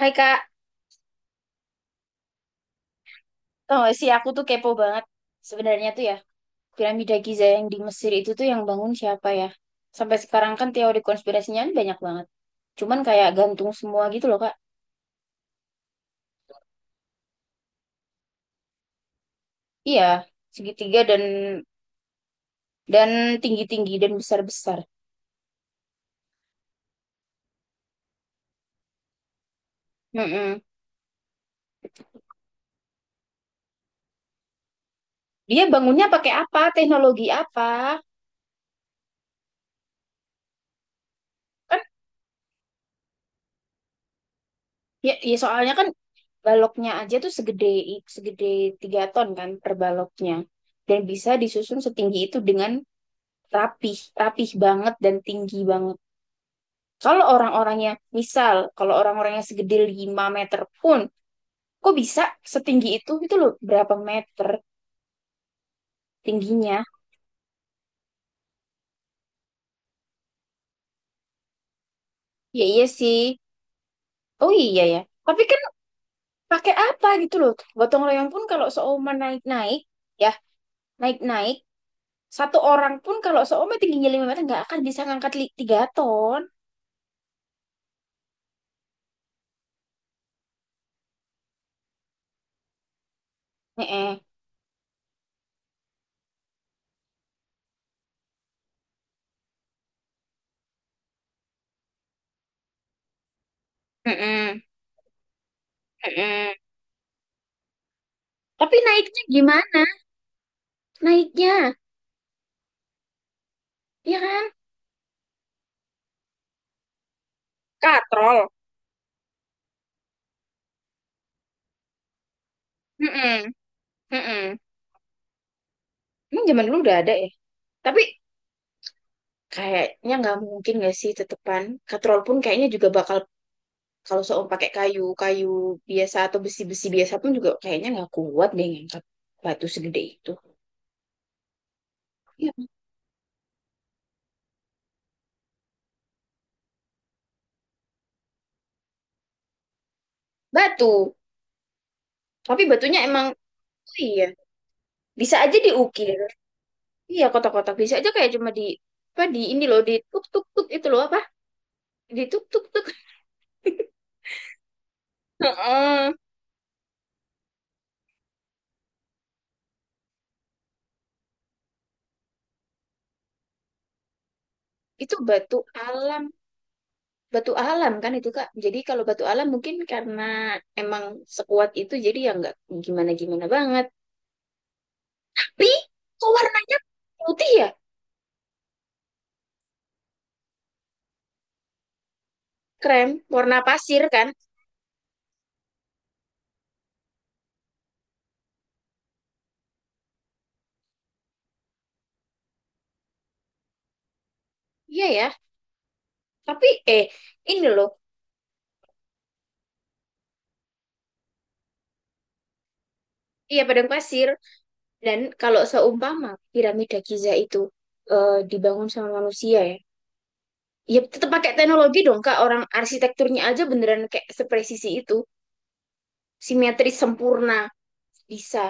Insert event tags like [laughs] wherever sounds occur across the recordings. Hai Kak, tau gak sih aku tuh kepo banget. Sebenarnya tuh ya, piramida Giza yang di Mesir itu tuh yang bangun siapa ya? Sampai sekarang kan teori konspirasinya kan banyak banget. Cuman kayak gantung semua gitu loh Kak. Iya, segitiga dan tinggi-tinggi dan besar-besar. Mm-mm. Dia bangunnya pakai apa? Teknologi apa? Kan ya, ya soalnya kan baloknya aja tuh segede segede 3 ton kan per baloknya. Dan bisa disusun setinggi itu dengan rapih, rapih banget dan tinggi banget. Kalau orang-orangnya, misal, kalau orang-orangnya segede 5 meter pun, kok bisa setinggi itu? Itu loh, berapa meter tingginya? Ya iya sih. Oh iya ya. Tapi kan pakai apa gitu loh. Gotong royong pun kalau seoman naik-naik, ya naik-naik, satu orang pun kalau seoman tingginya 5 meter nggak akan bisa ngangkat 3 ton. Heeh. Heeh. Heeh. Tapi naiknya gimana? Naiknya, ya kan? Katrol. Heeh. Mm-mm. Emang zaman dulu udah ada ya? Tapi kayaknya nggak mungkin nggak sih tetepan. Katrol pun kayaknya juga bakal kalau soal pakai kayu-kayu biasa atau besi-besi biasa pun juga kayaknya nggak kuat deh ngangkat batu segede itu. Iya. Batu. Tapi batunya emang oh iya bisa aja diukir. Iya kotak-kotak bisa aja kayak cuma di apa di ini loh di tuk tuk tuk itu loh apa di tuk tuk tuk. [laughs] Heeh. Itu alam batu alam kan itu Kak. Jadi kalau batu alam mungkin karena emang sekuat itu jadi ya nggak gimana-gimana banget. Tapi kok warnanya putih ya? Krem, warna pasir kan? Iya ya. Tapi eh ini loh, iya padang pasir. Dan kalau seumpama piramida Giza itu dibangun sama manusia ya, ya tetap pakai teknologi dong Kak. Orang arsitekturnya aja beneran kayak sepresisi itu, simetris sempurna bisa.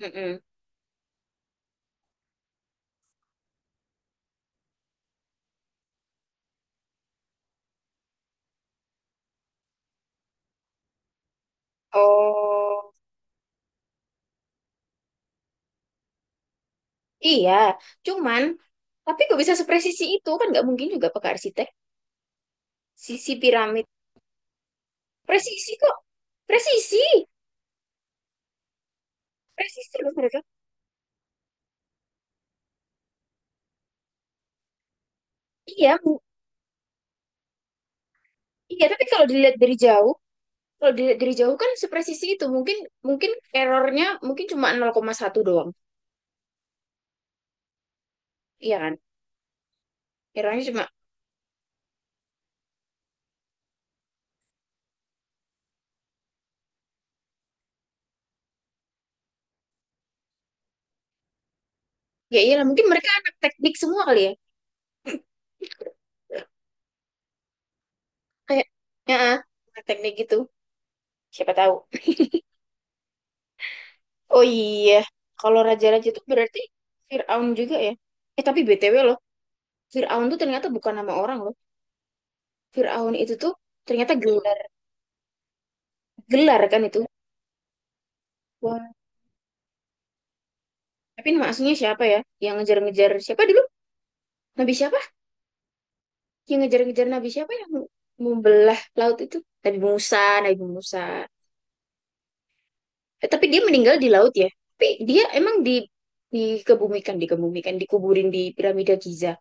Mm-mm. Oh. Iya, cuman tapi kok bisa sepresisi itu kan nggak mungkin juga Pak Arsitek. Sisi piramid, presisi kok, presisi, presisi loh mereka. Iya, mu- iya. Tapi kalau dilihat dari jauh, kalau dilihat dari jauh kan sepresisi itu mungkin mungkin errornya mungkin cuma 0,1 doang, iya kan? Errornya cuma, ya iyalah mungkin mereka anak teknik semua kali ya. Kayak, ya, anak teknik gitu. Siapa tahu. Oh iya, kalau raja-raja itu berarti Firaun juga ya. Eh tapi BTW loh, Fir'aun tuh ternyata bukan nama orang loh. Fir'aun itu tuh ternyata gelar, gelar kan itu. Wah. Tapi nama aslinya siapa ya? Yang ngejar-ngejar siapa dulu? Nabi siapa? Yang ngejar-ngejar Nabi siapa yang membelah laut itu? Nabi Musa, Nabi Musa. Eh, tapi dia meninggal di laut ya. Tapi dia emang di dikebumikan, dikebumikan, dikuburin di piramida Giza.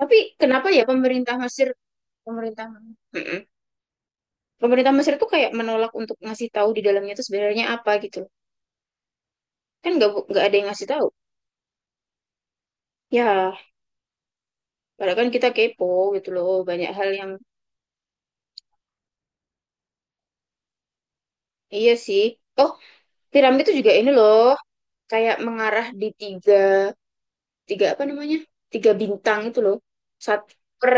Tapi kenapa ya pemerintah Mesir, pemerintah Mm-mm. Pemerintah Mesir tuh kayak menolak untuk ngasih tahu di dalamnya tuh sebenarnya apa gitu. Kan nggak bu- nggak ada yang ngasih tahu. Ya, padahal kan kita kepo gitu loh, banyak hal yang iya sih. Oh, piramid itu juga ini loh, kayak mengarah di tiga, 3 apa namanya? 3 bintang itu loh. Saat per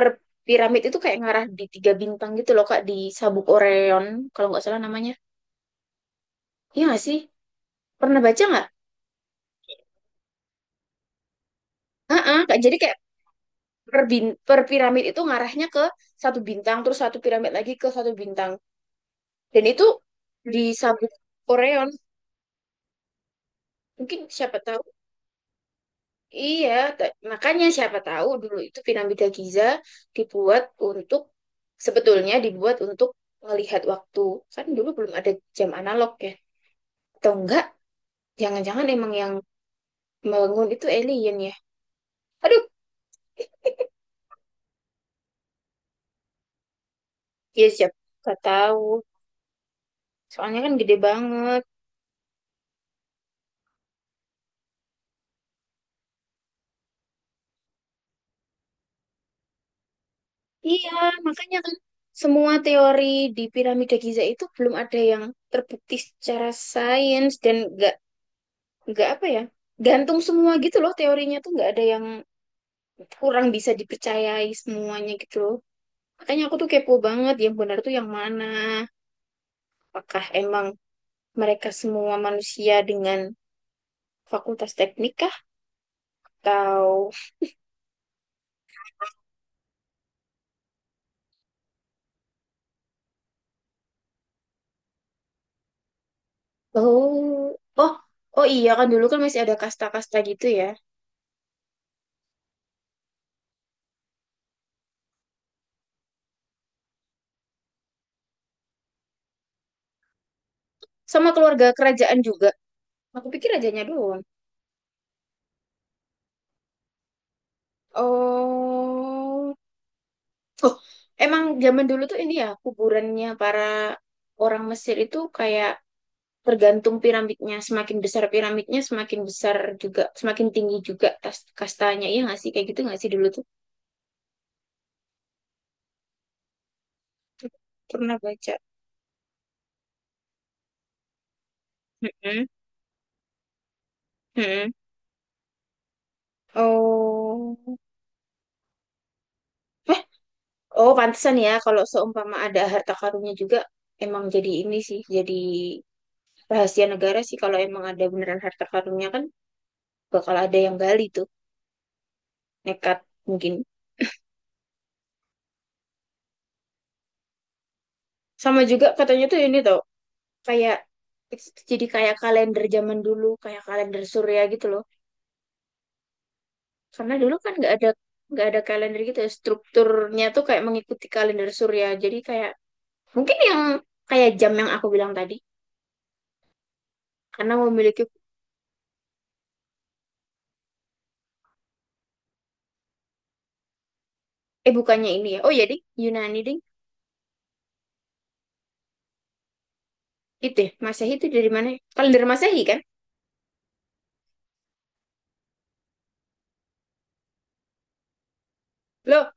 piramid itu kayak ngarah di 3 bintang gitu loh, Kak, di sabuk Orion, kalau nggak salah namanya. Iya nggak sih? Pernah baca nggak? Heeh, Kak. Jadi kayak per, bin- per piramid itu ngarahnya ke satu bintang, terus satu piramid lagi ke satu bintang. Dan itu di sabuk Orion, mungkin siapa tahu. Iya, ta- makanya siapa tahu dulu itu piramida Giza dibuat untuk sebetulnya dibuat untuk melihat waktu. Kan dulu belum ada jam analog ya. Atau enggak, jangan-jangan emang yang bangun itu alien ya. Aduh, ya siapa nggak tahu. Soalnya kan gede banget. Iya, makanya kan semua teori di piramida Giza itu belum ada yang terbukti secara sains dan nggak apa ya? Gantung semua gitu loh teorinya tuh nggak ada yang kurang bisa dipercayai semuanya gitu loh. Makanya aku tuh kepo banget yang benar tuh yang mana. Apakah emang mereka semua manusia dengan fakultas teknik kah? Atau oh oh oh iya kan dulu kan masih ada kasta-kasta gitu ya. Sama keluarga kerajaan juga. Aku pikir rajanya doang. Oh oh emang zaman dulu tuh ini ya kuburannya para orang Mesir itu kayak tergantung piramidnya semakin besar juga semakin tinggi juga tas- kastanya iya nggak sih kayak gitu nggak sih dulu tuh pernah baca Mm-mm, mm-mm. Oh eh oh pantesan ya kalau seumpama ada harta karunnya juga emang jadi ini sih jadi rahasia negara sih kalau emang ada beneran harta karunnya kan bakal ada yang gali tuh nekat mungkin sama juga katanya tuh ini tuh kayak jadi kayak kalender zaman dulu kayak kalender surya gitu loh karena dulu kan nggak ada kalender gitu ya strukturnya tuh kayak mengikuti kalender surya jadi kayak mungkin yang kayak jam yang aku bilang tadi karena memiliki eh bukannya ini ya oh ya ding Yunani ding itu ya Masehi itu dari mana ya? Kalender Masehi kan loh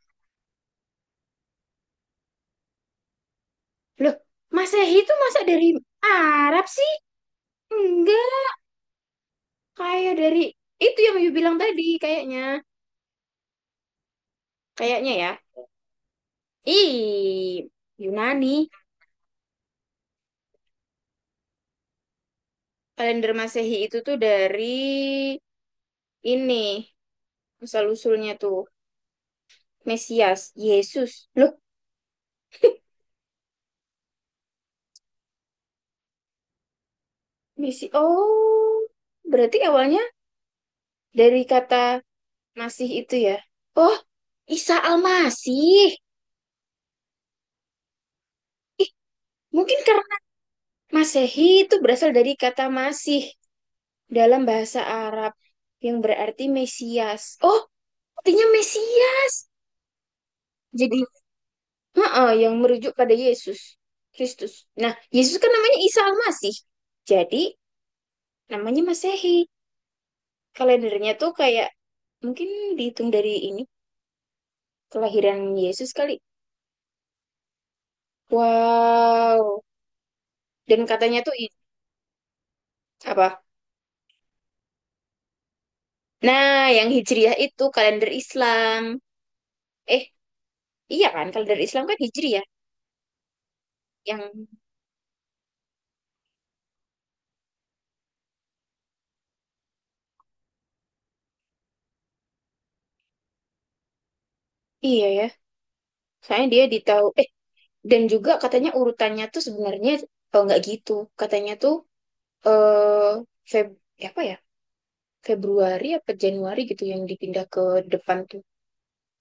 loh Masehi itu masa dari Arab sih enggak kayak dari itu yang you bilang tadi kayaknya kayaknya ya ih Yunani kalender Masehi itu tuh dari ini asal usulnya tuh Mesias, Yesus. Loh, Mesi oh, berarti awalnya dari kata Masih itu ya. Oh, Isa Al-Masih. Ih, mungkin karena Masehi itu berasal dari kata Masih dalam bahasa Arab yang berarti Mesias. Oh, artinya Mesias. Jadi, heeh, yang merujuk pada Yesus Kristus. Nah, Yesus kan namanya Isa Al-Masih. Jadi, namanya Masehi. Kalendernya tuh kayak mungkin dihitung dari ini Kelahiran Yesus kali. Wow. Dan katanya tuh i- apa? Nah, yang Hijriah itu kalender Islam. Eh, iya kan? Kalender Islam kan Hijriah. Yang iya ya. Soalnya dia ditahu dan juga katanya urutannya tuh sebenarnya oh, nggak gitu. Katanya tuh eh Feb apa ya? Februari apa Januari gitu yang dipindah ke depan tuh.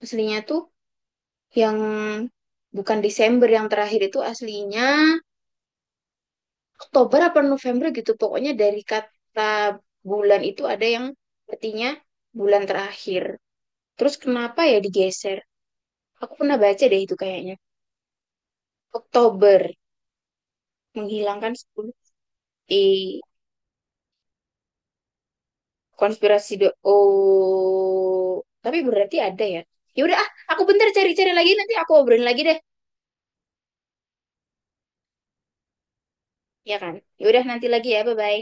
Aslinya tuh yang bukan Desember yang terakhir itu aslinya Oktober apa November gitu. Pokoknya dari kata bulan itu ada yang artinya bulan terakhir. Terus kenapa ya digeser? Aku pernah baca deh itu kayaknya. Oktober menghilangkan 10. Eh, konspirasi do oh tapi berarti ada ya. Ya udah ah, aku bentar cari-cari lagi nanti aku obrolin lagi deh. Ya kan? Ya udah nanti lagi ya, bye-bye.